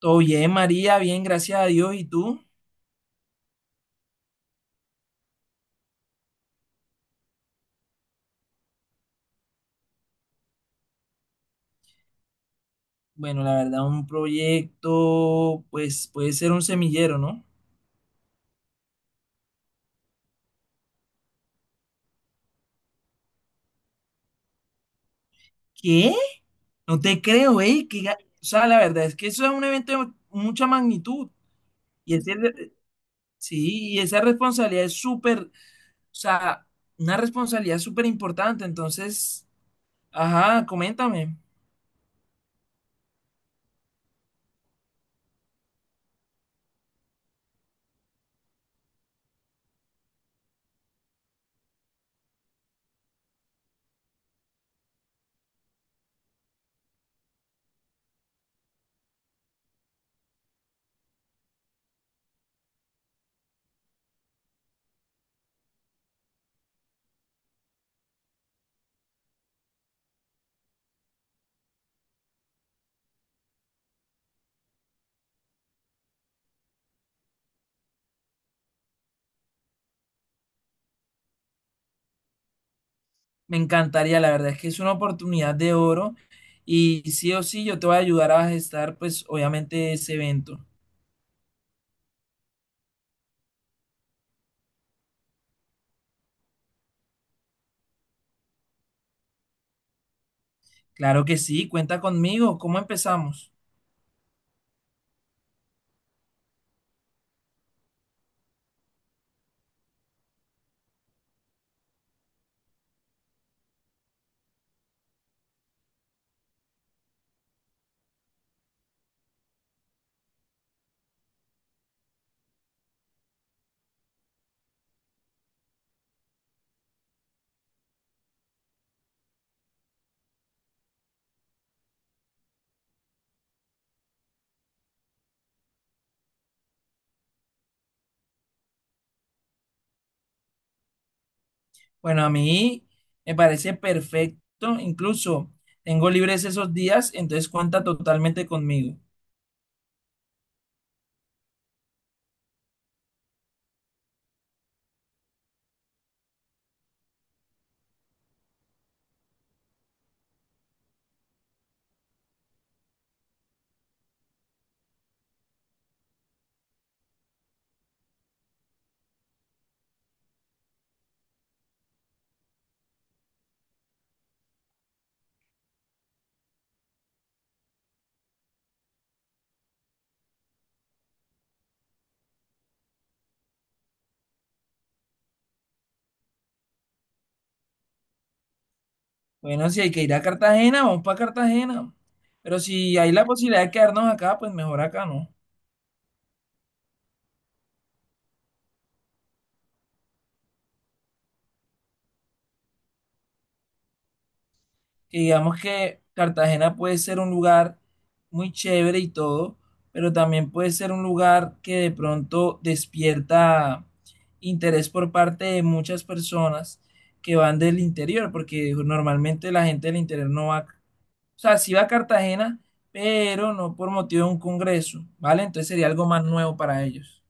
Todo bien, María, bien, gracias a Dios. ¿Y tú? Bueno, la verdad, un proyecto, pues puede ser un semillero, ¿no? ¿Qué? No te creo, ¿eh? O sea, la verdad es que eso es un evento de mucha magnitud. Y ese, re- sí, y esa responsabilidad es súper, o sea, una responsabilidad súper importante. Entonces, ajá, coméntame. Me encantaría, la verdad es que es una oportunidad de oro. Y sí o sí, yo te voy a ayudar a gestar, pues, obviamente, ese evento. Claro que sí, cuenta conmigo. ¿Cómo empezamos? Bueno, a mí me parece perfecto, incluso tengo libres esos días, entonces cuenta totalmente conmigo. Bueno, si hay que ir a Cartagena, vamos para Cartagena. Pero si hay la posibilidad de quedarnos acá, pues mejor acá, ¿no? Que digamos que Cartagena puede ser un lugar muy chévere y todo, pero también puede ser un lugar que de pronto despierta interés por parte de muchas personas que van del interior, porque normalmente la gente del interior no va, o sea, sí va a Cartagena, pero no por motivo de un congreso, ¿vale? Entonces sería algo más nuevo para ellos.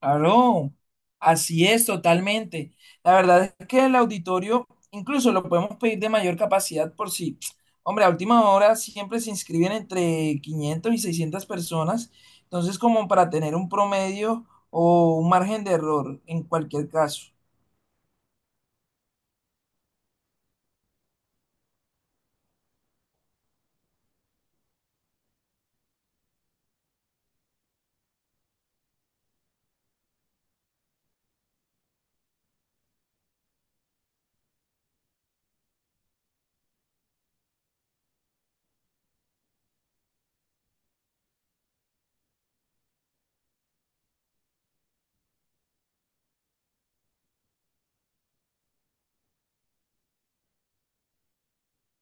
Claro, así es totalmente. La verdad es que el auditorio incluso lo podemos pedir de mayor capacidad por si, hombre, a última hora siempre se inscriben entre 500 y 600 personas, entonces como para tener un promedio o un margen de error en cualquier caso.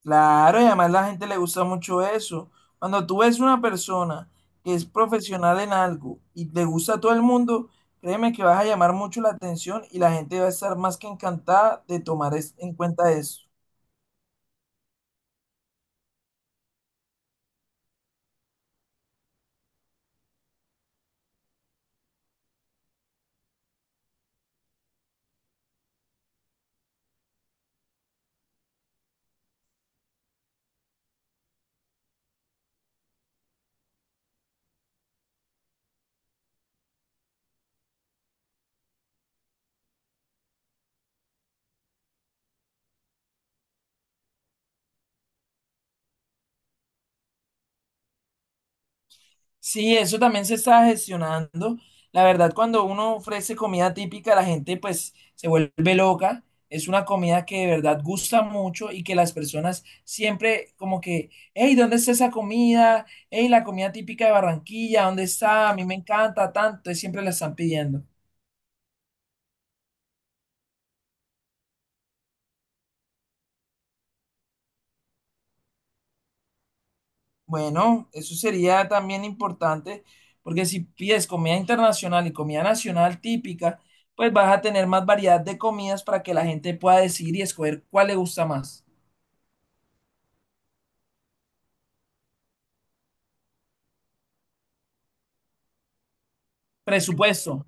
Claro, y además la gente le gusta mucho eso. Cuando tú ves una persona que es profesional en algo y le gusta a todo el mundo, créeme que vas a llamar mucho la atención y la gente va a estar más que encantada de tomar en cuenta eso. Sí, eso también se está gestionando. La verdad, cuando uno ofrece comida típica, la gente pues se vuelve loca. Es una comida que de verdad gusta mucho y que las personas siempre como que, hey, ¿dónde está esa comida? Hey, la comida típica de Barranquilla, ¿dónde está? A mí me encanta tanto, y siempre la están pidiendo. Bueno, eso sería también importante, porque si pides comida internacional y comida nacional típica, pues vas a tener más variedad de comidas para que la gente pueda decidir y escoger cuál le gusta más. Presupuesto.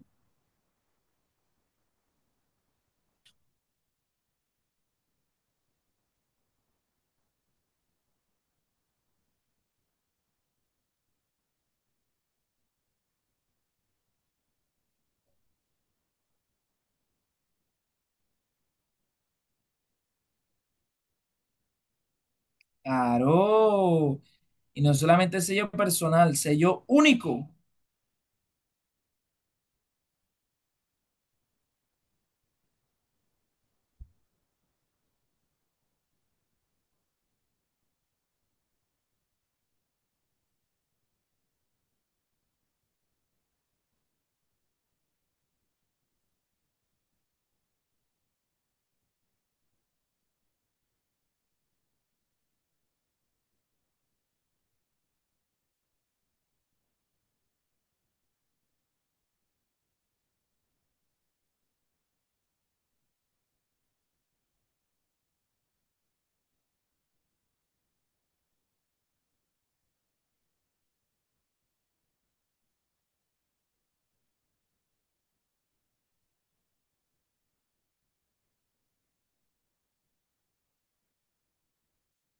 Claro. Y no solamente sello personal, sello único.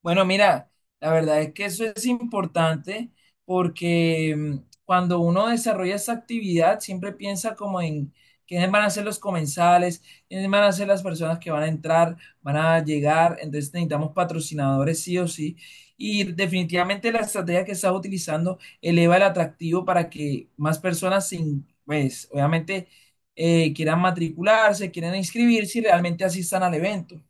Bueno, mira, la verdad es que eso es importante porque cuando uno desarrolla esa actividad, siempre piensa como en quiénes van a ser los comensales, quiénes van a ser las personas que van a entrar, van a llegar, entonces necesitamos patrocinadores sí o sí. Y definitivamente la estrategia que estás utilizando eleva el atractivo para que más personas, sin, pues, obviamente, quieran matricularse, quieran inscribirse y realmente asistan al evento.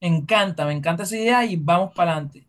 Me encanta esa idea y vamos para adelante.